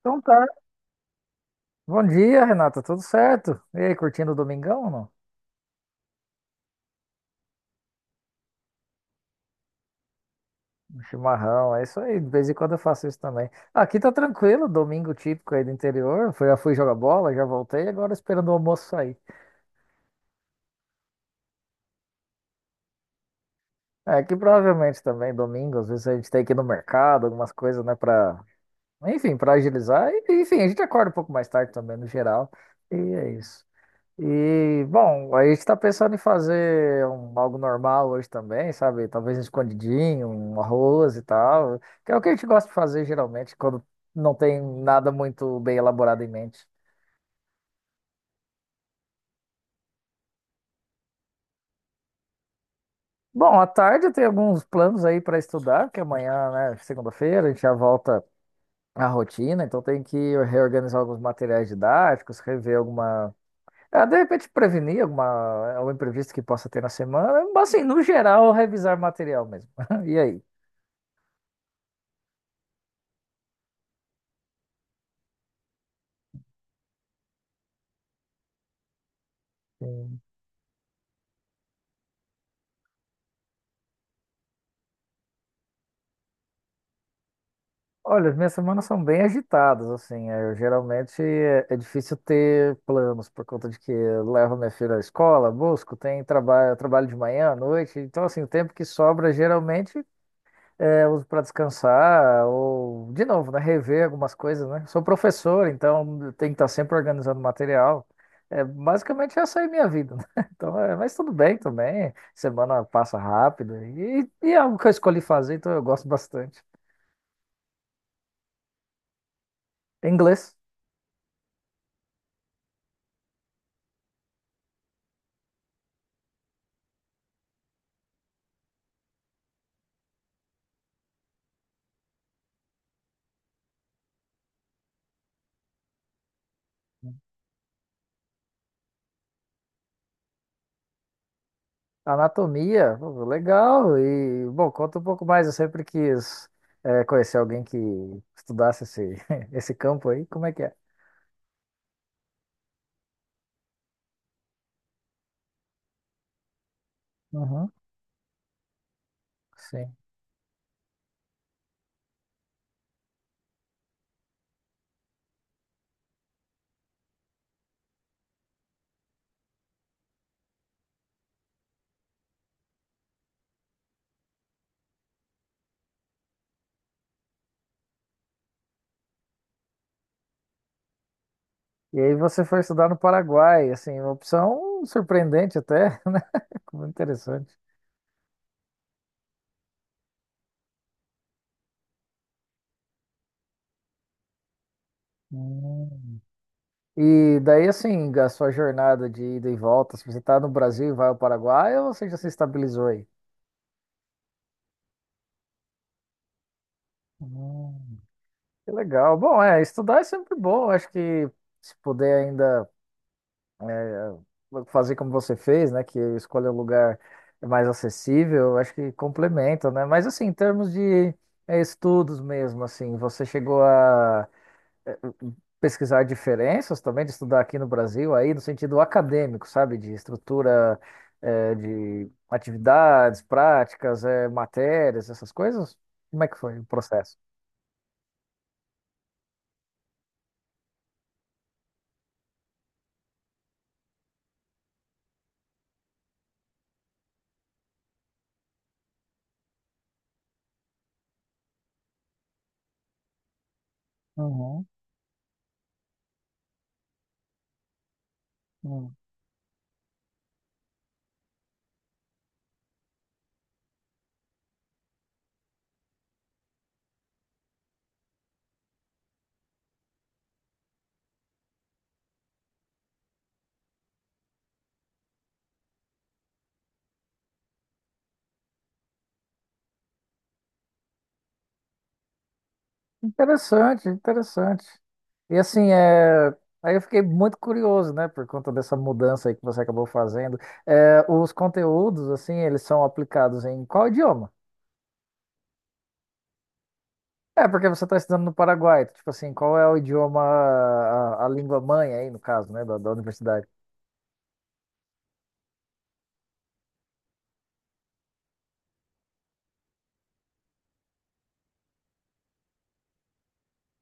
Então tá. Bom dia, Renata. Tudo certo? E aí, curtindo o domingão ou não? Um chimarrão, é isso aí. De vez em quando eu faço isso também. Aqui tá tranquilo, domingo típico aí do interior. Já fui jogar bola, já voltei, agora esperando o almoço sair. É, aqui provavelmente também domingo, às vezes a gente tem que ir no mercado, algumas coisas, né, Enfim, pra agilizar. E, enfim, a gente acorda um pouco mais tarde também, no geral. E é isso. E, bom, a gente está pensando em fazer algo normal hoje também, sabe? Talvez um escondidinho, um arroz e tal, que é o que a gente gosta de fazer geralmente quando não tem nada muito bem elaborado em mente. Bom, à tarde eu tenho alguns planos aí para estudar, que amanhã, né, segunda-feira, a gente já volta à rotina, então tem que reorganizar alguns materiais didáticos, rever alguma. Ah, de repente prevenir alguma, algum imprevisto que possa ter na semana, mas assim, no geral, revisar material mesmo. E aí? Olha, as minhas semanas são bem agitadas, assim. Eu, geralmente é difícil ter planos por conta de que eu levo minha filha à escola, busco, tem trabalho, trabalho de manhã, à noite. Então, assim, o tempo que sobra geralmente eu uso para descansar ou, de novo, né, rever algumas coisas, né? Sou professor, então eu tenho que estar sempre organizando material. É, basicamente essa é a minha vida, né? Então, é, mas tudo bem também. Semana passa rápido e é algo que eu escolhi fazer, então eu gosto bastante. Inglês. Anatomia, pô, legal. E, bom, conta um pouco mais. Eu sempre quis conhecer alguém que estudasse esse campo aí. Como é que é? Uhum, sim. E aí você foi estudar no Paraguai, assim, uma opção surpreendente até, né? Muito interessante. Hum. E daí, assim, a sua jornada de ida e volta, se você está no Brasil e vai ao Paraguai, ou você já se estabilizou aí? Hum, que legal. Bom, é, estudar é sempre bom. Acho que se puder ainda fazer como você fez, né? Que escolhe um lugar mais acessível, eu acho que complementa, né? Mas assim, em termos de estudos mesmo, assim, você chegou a eh, pesquisar diferenças também de estudar aqui no Brasil, aí no sentido acadêmico, sabe? De estrutura, de atividades, práticas, matérias, essas coisas? Como é que foi o processo? Uhum, uhum. Interessante, interessante. E assim, é... aí eu fiquei muito curioso, né, por conta dessa mudança aí que você acabou fazendo. É, os conteúdos, assim, eles são aplicados em qual idioma? É, porque você está estudando no Paraguai, então, tipo assim, qual é o idioma, a língua mãe aí, no caso, né, da universidade?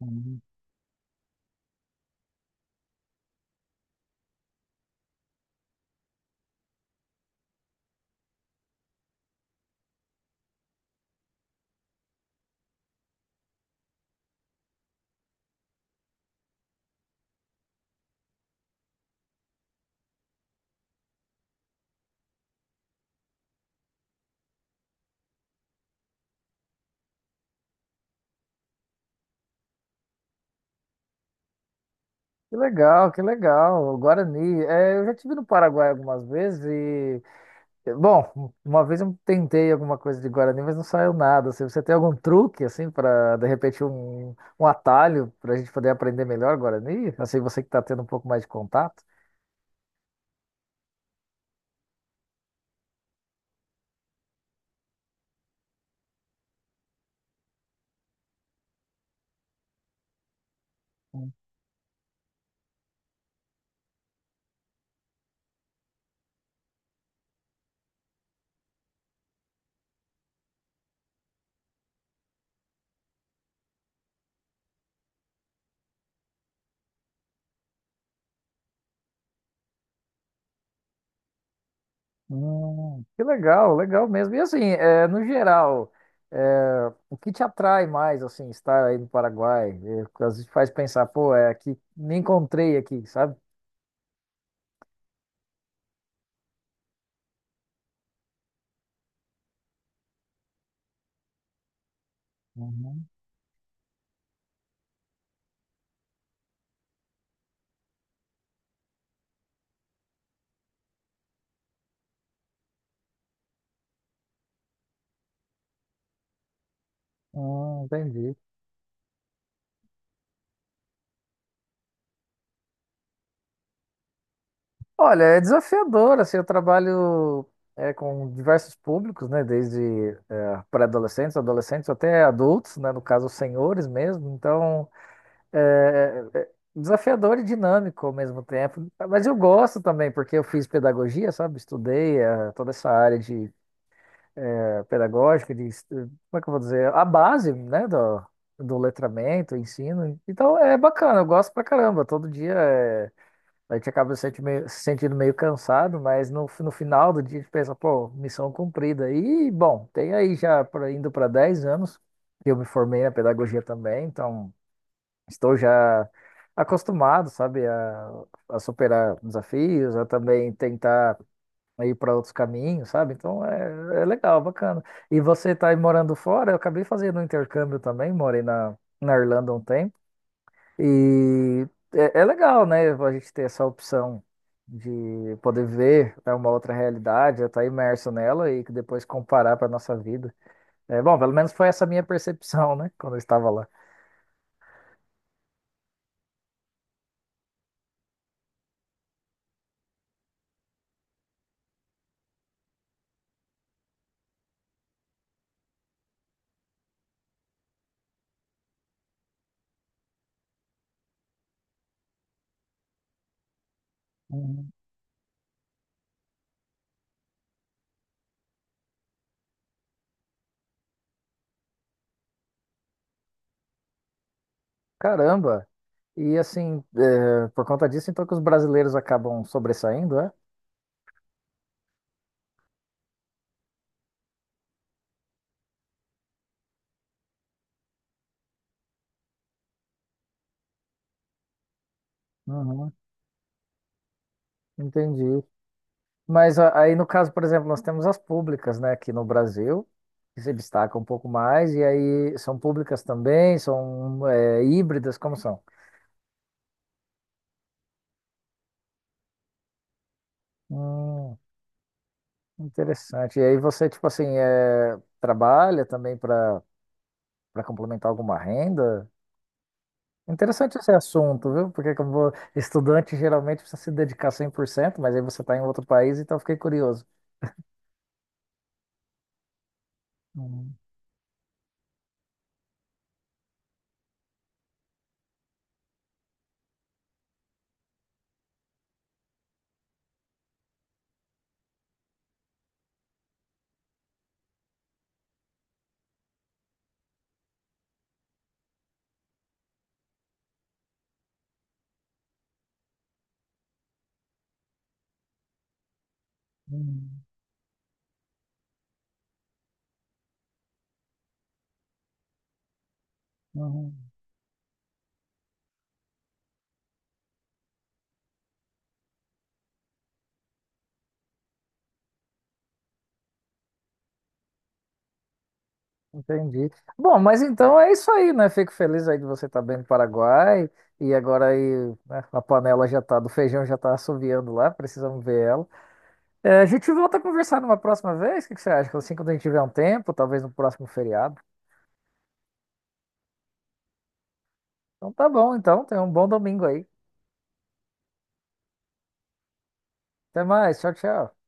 Uhum. Que legal, que legal. O Guarani. É, eu já estive no Paraguai algumas vezes. Bom, uma vez eu tentei alguma coisa de Guarani, mas não saiu nada. Assim, você tem algum truque, assim, para, de repente, um atalho para a gente poder aprender melhor Guarani? Assim, você que está tendo um pouco mais de contato. Que legal, legal mesmo. E assim, é, no geral, é, o que te atrai mais, assim, estar aí no Paraguai? É, às vezes faz pensar, pô, é aqui, me encontrei aqui, sabe? Uhum. Entendi. Olha, é desafiador, assim, eu trabalho com diversos públicos, né, desde pré-adolescentes, adolescentes até adultos, né, no caso, senhores mesmo, então é, é desafiador e dinâmico ao mesmo tempo, mas eu gosto também, porque eu fiz pedagogia, sabe, estudei toda essa área de pedagógica, como é que eu vou dizer, a base, né, do letramento, ensino, então é bacana, eu gosto pra caramba, todo dia é a gente acaba se sentindo meio cansado, mas no final do dia a gente pensa, pô, missão cumprida. E, bom, tem aí já indo para 10 anos que eu me formei na pedagogia também, então estou já acostumado, sabe, a superar desafios, a também tentar ir para outros caminhos, sabe? Então é, é legal, bacana. E você tá aí morando fora? Eu acabei fazendo um intercâmbio também, morei na Irlanda um tempo. E é, é legal, né? A gente ter essa opção de poder ver, né, uma outra realidade, estar imerso nela e que depois comparar para nossa vida. É, bom, pelo menos foi essa minha percepção, né? Quando eu estava lá. Uhum. Caramba! E assim, é, por conta disso, então que os brasileiros acabam sobressaindo, é? Uhum, entendi. Aí, no caso, por exemplo, nós temos as públicas, né, aqui no Brasil, que se destacam um pouco mais, e aí são públicas também, são é, híbridas, como são? Hum, interessante. E aí você, tipo assim, é, trabalha também para complementar alguma renda? Interessante esse assunto, viu? Porque como estudante geralmente precisa se dedicar 100%, mas aí você está em outro país, então eu fiquei curioso. Hum, hum, hum, hum. Entendi. Bom, mas então é isso aí, né? Fico feliz aí de você estar bem no Paraguai. E agora aí, né, a panela já tá, do feijão já tá assoviando lá, precisamos ver ela. É, a gente volta a conversar numa próxima vez, o que que você acha? Assim, quando a gente tiver um tempo, talvez no próximo feriado. Então tá bom, então, tenha um bom domingo aí. Até mais, tchau, tchau.